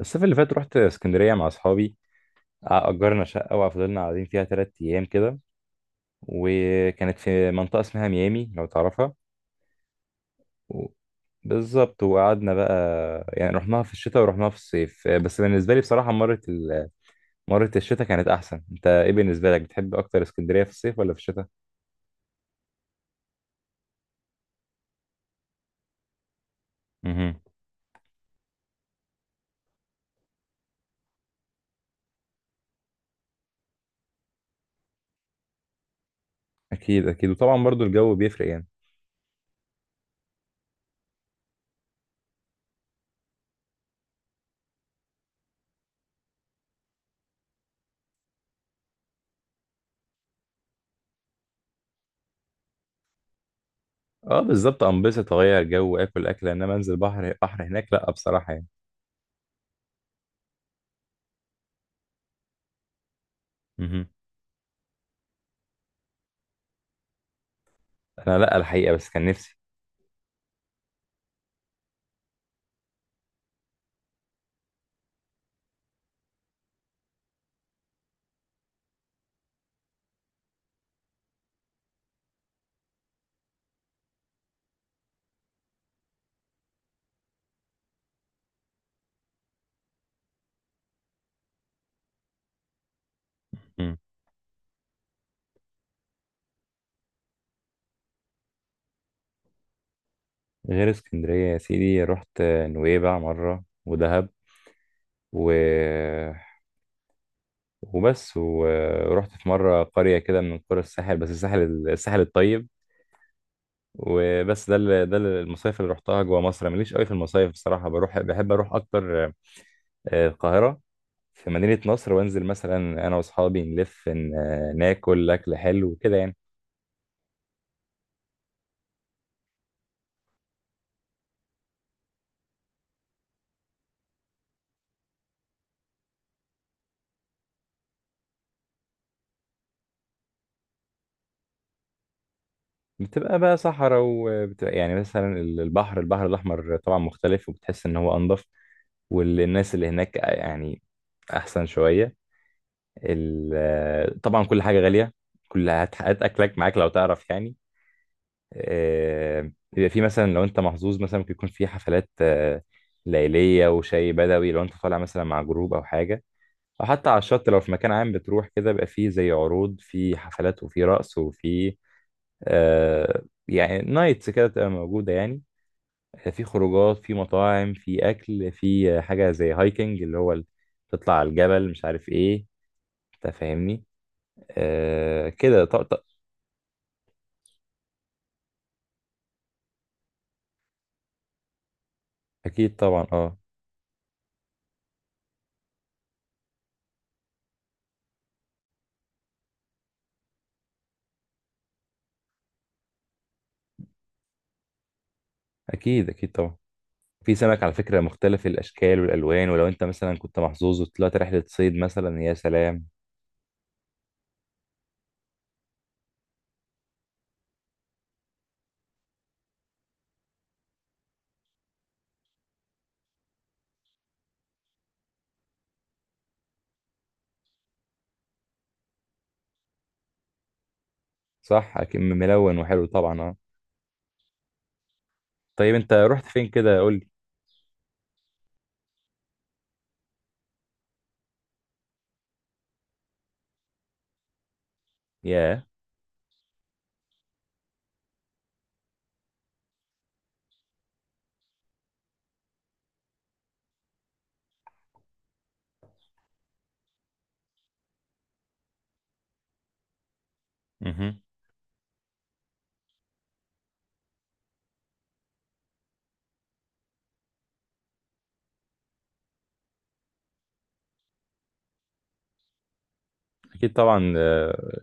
الصيف اللي فات رحت اسكندرية مع أصحابي. أجرنا شقة وفضلنا قاعدين فيها تلات أيام كده، وكانت في منطقة اسمها ميامي لو تعرفها. و... بالظبط، وقعدنا بقى، يعني رحناها في الشتاء ورحناها في الصيف، بس بالنسبة لي بصراحة مرة الشتاء كانت أحسن. أنت إيه بالنسبة لك، بتحب أكتر اسكندرية في الصيف ولا في الشتاء؟ مهم. أكيد أكيد، وطبعا برضو الجو بيفرق يعني. أه بالظبط، أنبسط أغير جو وآكل أكلة، إنما أنزل بحر، بحر هناك لأ بصراحة يعني. مهم. أنا لأ الحقيقة، بس كان نفسي. غير اسكندرية يا سيدي رحت نويبع مرة ودهب و... وبس. ورحت في مرة قرية كده من قرى الساحل، بس الساحل الطيب. وبس، ده المصايف اللي رحتها جوا مصر. أنا ماليش قوي في المصايف بصراحة، بروح بحب أروح أكتر القاهرة، في مدينة نصر، وأنزل مثلا أنا وأصحابي نلف ن... آه، ناكل أكل حلو كده يعني. بتبقى بقى صحراء، وبتبقى يعني مثلا البحر، البحر الأحمر طبعا مختلف، وبتحس إن هو أنضف. والناس اللي هناك يعني احسن شويه. طبعا كل حاجه غاليه، كل هات هات اكلك معاك لو تعرف يعني. بيبقى في مثلا لو انت محظوظ مثلا ممكن يكون في حفلات ليليه، وشاي بدوي لو انت طالع مثلا مع جروب او حاجه، او حتى على الشط لو في مكان عام بتروح كده، بيبقى فيه زي عروض في حفلات وفي رقص وفي يعني نايتس كده تبقى موجوده يعني. في خروجات في مطاعم في اكل، في حاجه زي هايكنج اللي هو تطلع على الجبل، مش عارف ايه، انت فاهمني. آه كده ط- ط- اكيد طبعا اه. اكيد اكيد طبعا. في سمك على فكره مختلف الاشكال والالوان، ولو انت مثلا كنت محظوظ وطلعت رحله صيد مثلا يا سلام. صح اكيد، ملون وحلو طبعا اه. طيب انت رحت فين كده قول لي. ياه. مهم. اكيد طبعا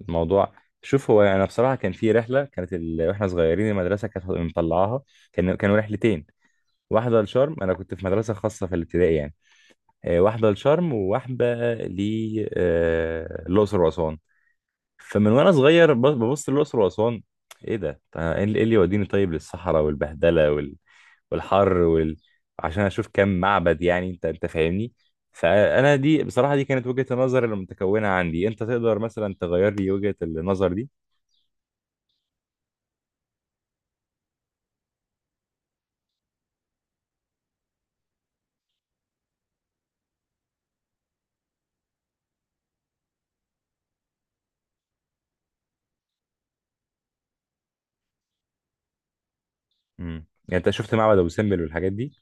الموضوع. شوف، هو انا بصراحه كان في رحله، واحنا صغيرين المدرسه كانت مطلعاها. كانوا رحلتين، واحده لشرم، انا كنت في مدرسه خاصه في الابتدائي يعني. واحده لشرم وواحده للاقصر واسوان. فمن وانا صغير ببص للاقصر واسوان، ايه ده؟ طب ايه اللي إيه اللي يوديني طيب للصحراء والبهدله والحر عشان اشوف كام معبد يعني، انت فاهمني. فانا دي بصراحه دي كانت وجهه النظر المتكونه عندي، انت تقدر مثلا تغير لي وجهه النظر دي؟ يعني انت شفت معبد ابو سمبل والحاجات دي.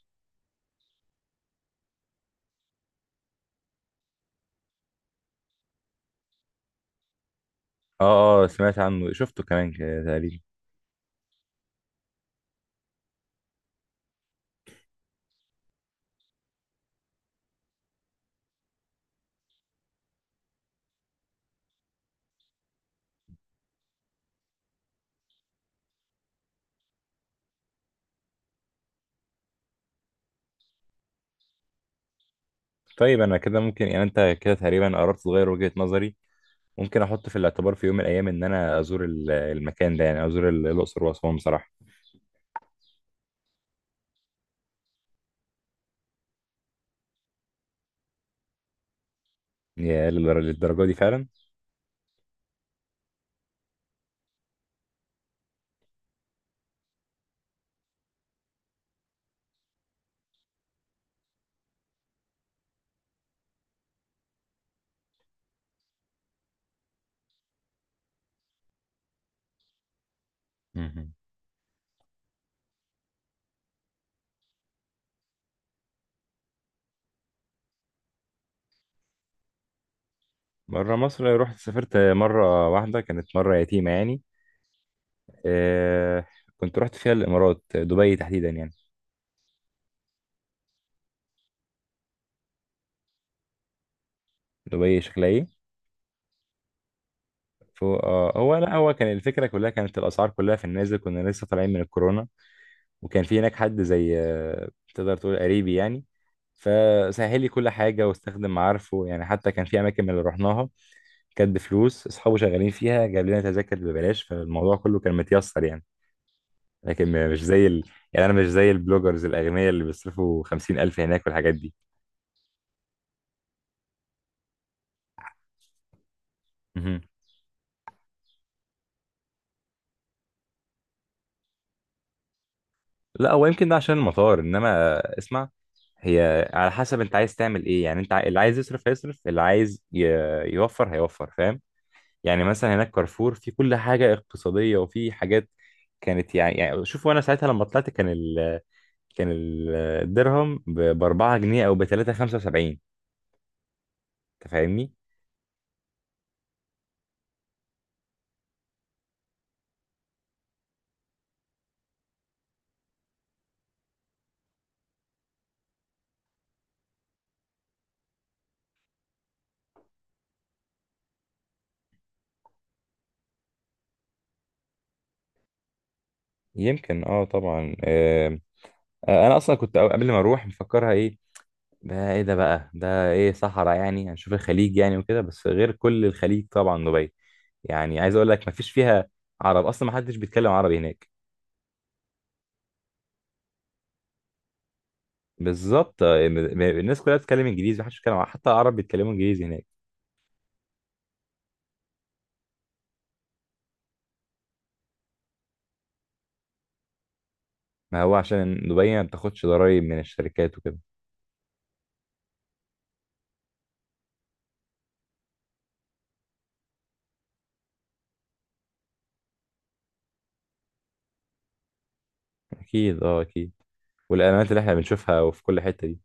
اه سمعت عنه، شفته كمان كده تقريبا. طيب انا كده ممكن، يعني انت كده تقريبا قربت تغير وجهة نظري. ممكن احط في الاعتبار في يوم من الايام ان انا ازور المكان ده، يعني ازور الاقصر واسوان بصراحه. يا للدرجه دي فعلا. مهم. بره مصر رحت، سافرت مره واحده كانت مره يتيمه يعني. آه، كنت رحت فيها الامارات، دبي تحديدا يعني. دبي شكلها ايه؟ فهو- آه، هو لا هو كان الفكره كلها، كانت الاسعار كلها في النازل، كنا لسه طالعين من الكورونا. وكان في هناك حد زي تقدر تقول قريبي يعني، فسهل لي كل حاجة واستخدم معارفه. يعني حتى كان في أماكن من اللي رحناها كانت بفلوس أصحابه شغالين فيها، جاب لنا تذاكر ببلاش، فالموضوع كله كان متيسر يعني. لكن مش زي ال... يعني أنا مش زي البلوجرز الأغنياء اللي بيصرفوا 50 ألف هناك والحاجات دي. مهم. لا هو يمكن ده عشان المطار. إنما اسمع، هي على حسب أنت عايز تعمل إيه يعني. أنت اللي عايز يصرف هيصرف، اللي عايز يوفر هيوفر، فاهم؟ يعني مثلا هناك كارفور، في كل حاجة اقتصادية، وفي حاجات كانت يعني شوف، وانا ساعتها لما طلعت كان الدرهم ب 4 جنيه او ب 3.75، انت فاهمني؟ يمكن اه طبعا آه. انا اصلا كنت قبل ما اروح مفكرها ايه ده، ايه ده بقى ده ايه؟ صحراء يعني هنشوف الخليج يعني وكده، بس غير كل الخليج طبعا دبي. يعني عايز اقول لك مفيش فيها عرب اصلا، ما حدش بيتكلم عربي هناك. بالظبط، الناس كلها بتتكلم انجليزي، محدش بيتكلم عربي، حتى العرب بيتكلموا انجليزي هناك. ما هو عشان دبي ما بتاخدش ضرايب من الشركات وكده. اكيد اه اكيد. والاعلانات اللي احنا بنشوفها وفي كل حتة دي.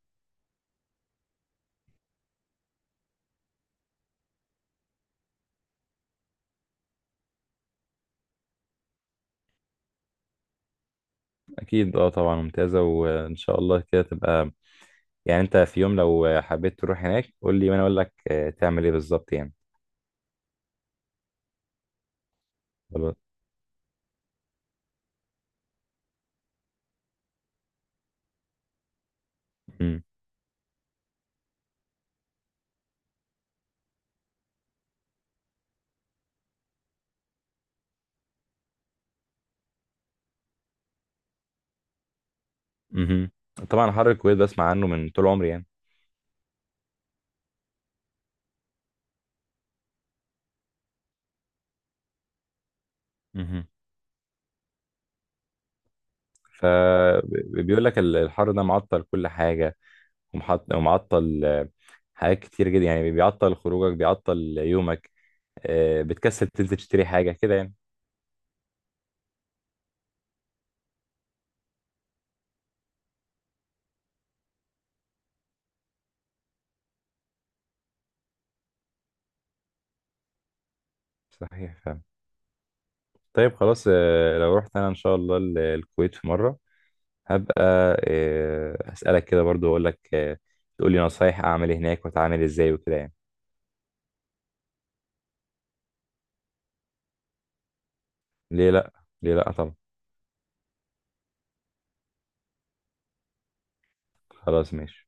اكيد اه طبعا، ممتازة، وان شاء الله كده تبقى. يعني انت في يوم لو حبيت تروح هناك قول لي، وانا اقول لك تعمل ايه بالظبط يعني. خلاص. مم. مهم. طبعا حر الكويت بسمع عنه من طول عمري يعني. مهم. فبيقول لك الحر ده معطل كل حاجة، ومعطل حاجات كتير جدا يعني، بيعطل خروجك بيعطل يومك. بتكسل تنزل تشتري حاجة كده يعني. صحيح فعلا. طيب خلاص، لو رحت انا ان شاء الله الكويت في مره هبقى اسالك كده برضو، اقول لك تقول لي نصايح اعمل إيه هناك، واتعامل ازاي وكده يعني. ليه لا، ليه لا طبعا. خلاص ماشي